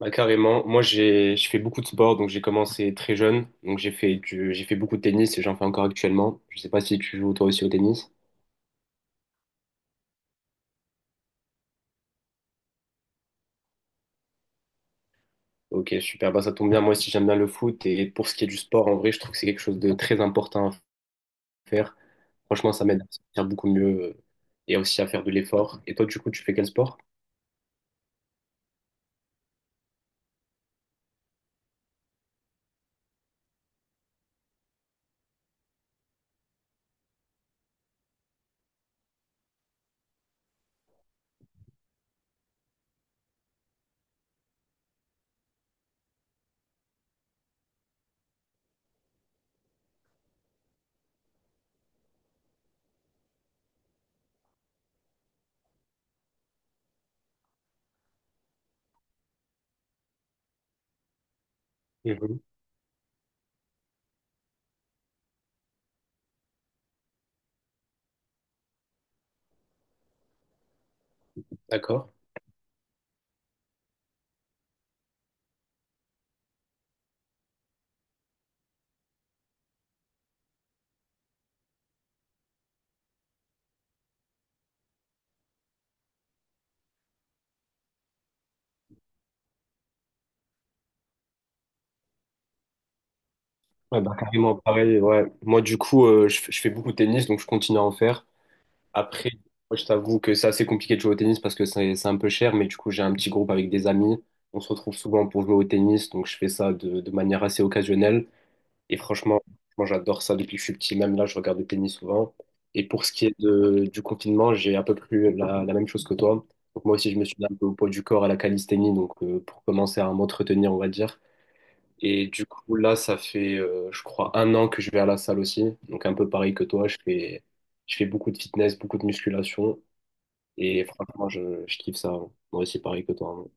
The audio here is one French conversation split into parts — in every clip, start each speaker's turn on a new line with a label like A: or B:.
A: Bah, carrément. Moi, je fais beaucoup de sport, donc j'ai commencé très jeune. Donc j'ai fait beaucoup de tennis et j'en fais encore actuellement. Je sais pas si tu joues toi aussi au tennis. Ok, super. Bah, ça tombe bien. Moi aussi, j'aime bien le foot. Et pour ce qui est du sport, en vrai, je trouve que c'est quelque chose de très important à faire. Franchement, ça m'aide à me sentir beaucoup mieux euh, et aussi à faire de l'effort. Et toi, du coup, tu fais quel sport? Mhm. D'accord. Ouais, bah, carrément pareil. Ouais. Moi, du coup, je fais beaucoup de tennis, donc je continue à en faire. Après, moi, je t'avoue que c'est assez compliqué de jouer au tennis parce que c'est un peu cher, mais du coup, j'ai un petit groupe avec des amis. On se retrouve souvent pour jouer au tennis, donc je fais ça de manière assez occasionnelle. Et franchement, moi, j'adore ça depuis que je suis petit. Même là, je regarde le tennis souvent. Et pour ce qui est du confinement, j'ai à peu près la même chose que toi. Donc moi aussi, je me suis mis un peu au poids du corps à la calisthénie, donc pour commencer à m'entretenir, on va dire. Et du coup, là, ça fait, je crois, un an que je vais à la salle aussi. Donc, un peu pareil que toi, je fais beaucoup de fitness, beaucoup de musculation. Et franchement, je kiffe ça. Moi aussi, pareil que toi, hein.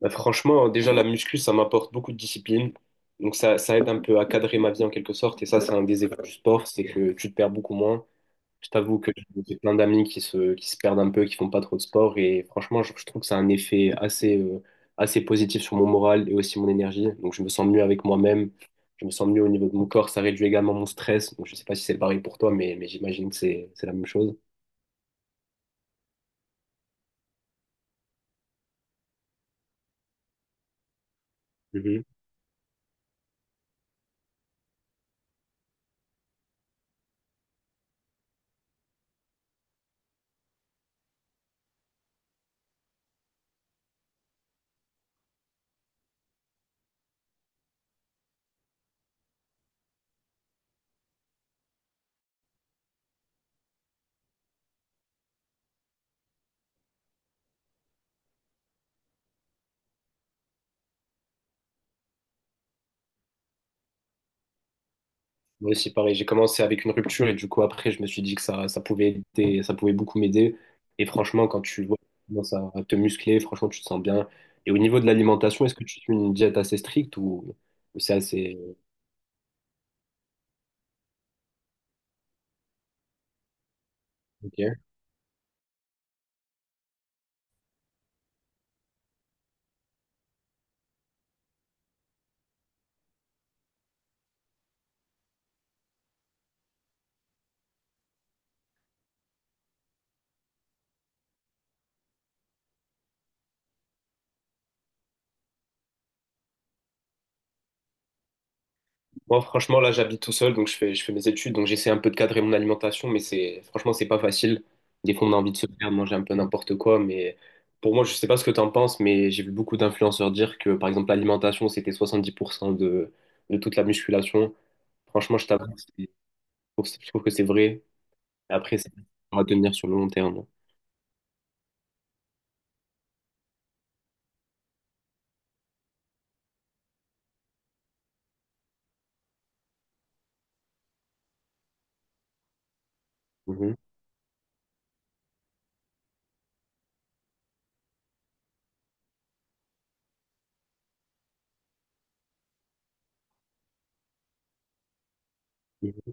A: Bah, franchement, déjà, la muscu, ça m'apporte beaucoup de discipline. Donc, ça aide un peu à cadrer ma vie en quelque sorte. Et ça, c'est un des effets du sport, c'est que tu te perds beaucoup moins. Je t'avoue que j'ai plein d'amis qui se perdent un peu, qui font pas trop de sport. Et franchement, je trouve que ça a un effet assez, assez positif sur mon moral et aussi mon énergie. Donc, je me sens mieux avec moi-même. Je me sens mieux au niveau de mon corps. Ça réduit également mon stress. Donc, je sais pas si c'est pareil pour toi, mais j'imagine que c'est la même chose. Mhm. Moi aussi, pareil. J'ai commencé avec une rupture et du coup, après, je me suis dit que ça pouvait beaucoup m'aider. Et franchement, quand tu vois, tu commences à te muscler, franchement, tu te sens bien. Et au niveau de l'alimentation, est-ce que tu suis une diète assez stricte ou c'est assez. Ok. Moi, franchement, là, j'habite tout seul, donc je fais mes études, donc j'essaie un peu de cadrer mon alimentation, mais c'est, franchement, c'est pas facile. Des fois, on a envie de se faire manger un peu n'importe quoi, mais pour moi, je sais pas ce que t'en penses, mais j'ai vu beaucoup d'influenceurs dire que, par exemple, l'alimentation, c'était 70% de toute la musculation. Franchement, je t'avoue, que je trouve que c'est vrai. Après, c'est à tenir sur le long terme. Mhm. Mhm.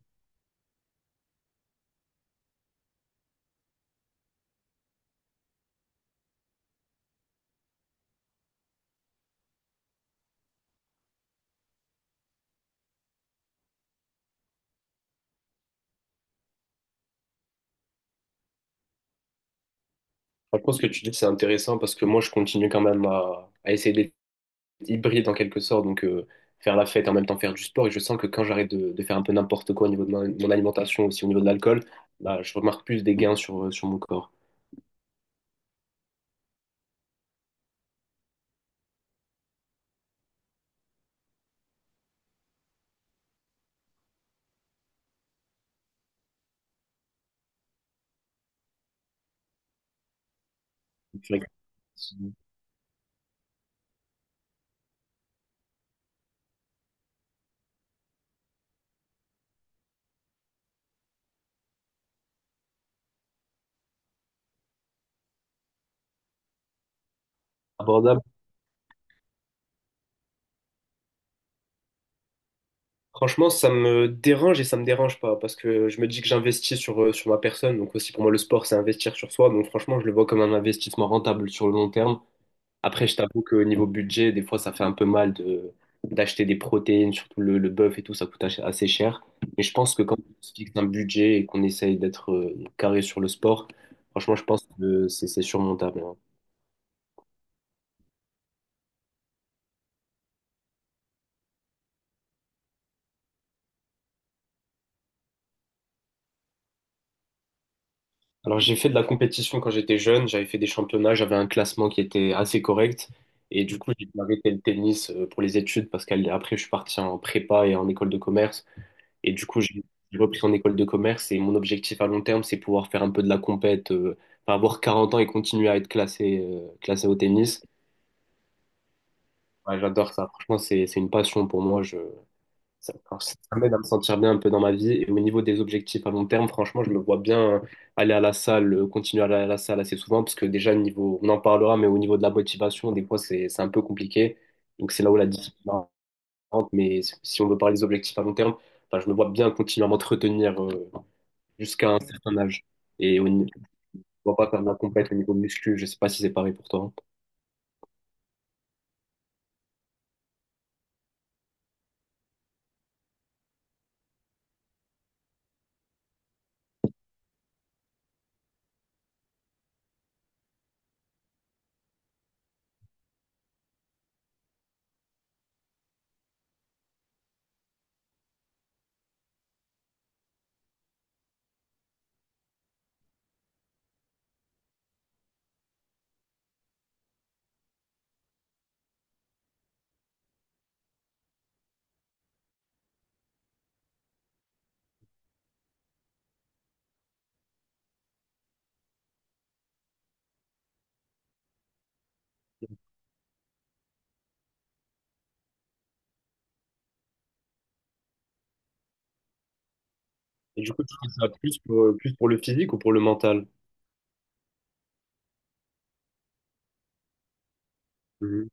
A: Franchement, ce que tu dis, c'est intéressant parce que moi, je continue quand même à essayer hybride en quelque sorte, donc faire la fête et en même temps faire du sport. Et je sens que quand j'arrête de faire un peu n'importe quoi au niveau de mon alimentation, aussi au niveau de l'alcool, bah, je remarque plus des gains sur mon corps. Donc, c'est vrai que c'est abordable. Franchement, ça me dérange et ça me dérange pas parce que je me dis que j'investis sur ma personne. Donc aussi pour moi, le sport, c'est investir sur soi. Donc franchement, je le vois comme un investissement rentable sur le long terme. Après, je t'avoue qu'au niveau budget, des fois, ça fait un peu mal de d'acheter des protéines, surtout le bœuf et tout, ça coûte assez cher. Mais je pense que quand on se fixe un budget et qu'on essaye d'être carré sur le sport, franchement, je pense que c'est surmontable, hein. Alors, j'ai fait de la compétition quand j'étais jeune, j'avais fait des championnats, j'avais un classement qui était assez correct. Et du coup, j'ai arrêté le tennis pour les études parce qu'après, je suis parti en prépa et en école de commerce. Et du coup, j'ai repris en école de commerce et mon objectif à long terme, c'est pouvoir faire un peu de la compète, enfin, avoir 40 ans et continuer à être classé, classé au tennis. Ouais, j'adore ça. Franchement, c'est une passion pour moi. Ça, enfin, ça m'aide à me sentir bien un peu dans ma vie. Et au niveau des objectifs à long terme, franchement, je me vois bien aller à la salle, continuer à aller à la salle assez souvent, parce que déjà, au niveau, on en parlera, mais au niveau de la motivation, des fois, c'est un peu compliqué. Donc, c'est là où la discipline rentre. Mais si on veut parler des objectifs à long terme, enfin, je me vois bien continuer à m'entretenir, jusqu'à un certain âge. Et on ne doit pas faire de la compète au niveau muscu. Je sais pas si c'est pareil pour toi. Et du coup, tu fais ça plus pour le physique ou pour le mental? Mhm.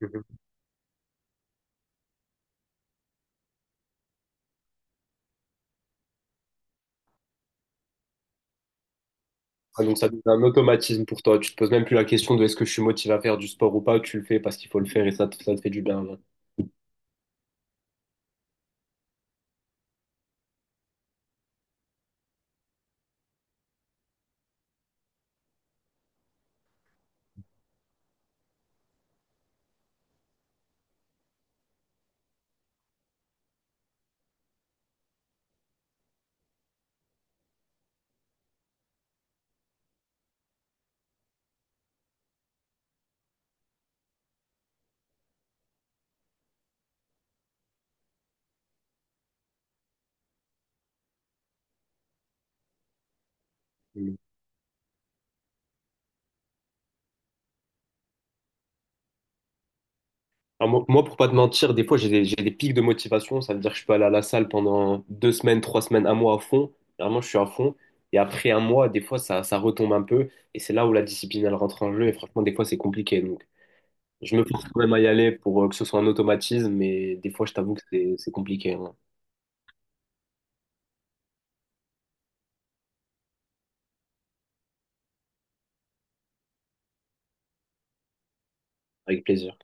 A: Mhm. Ah, donc ça devient un automatisme pour toi. Tu te poses même plus la question de est-ce que je suis motivé à faire du sport ou pas. Tu le fais parce qu'il faut le faire et ça te fait du bien, là. Alors, moi, pour pas te mentir, des fois, j'ai des pics de motivation. Ça veut dire que je peux aller à la salle pendant 2 semaines, 3 semaines, un mois à fond. Vraiment, je suis à fond. Et après un mois, des fois, ça retombe un peu. Et c'est là où la discipline, elle rentre en jeu. Et franchement, des fois, c'est compliqué. Donc, je me force quand même à y aller pour que ce soit un automatisme. Mais des fois, je t'avoue que c'est compliqué, hein. Avec plaisir.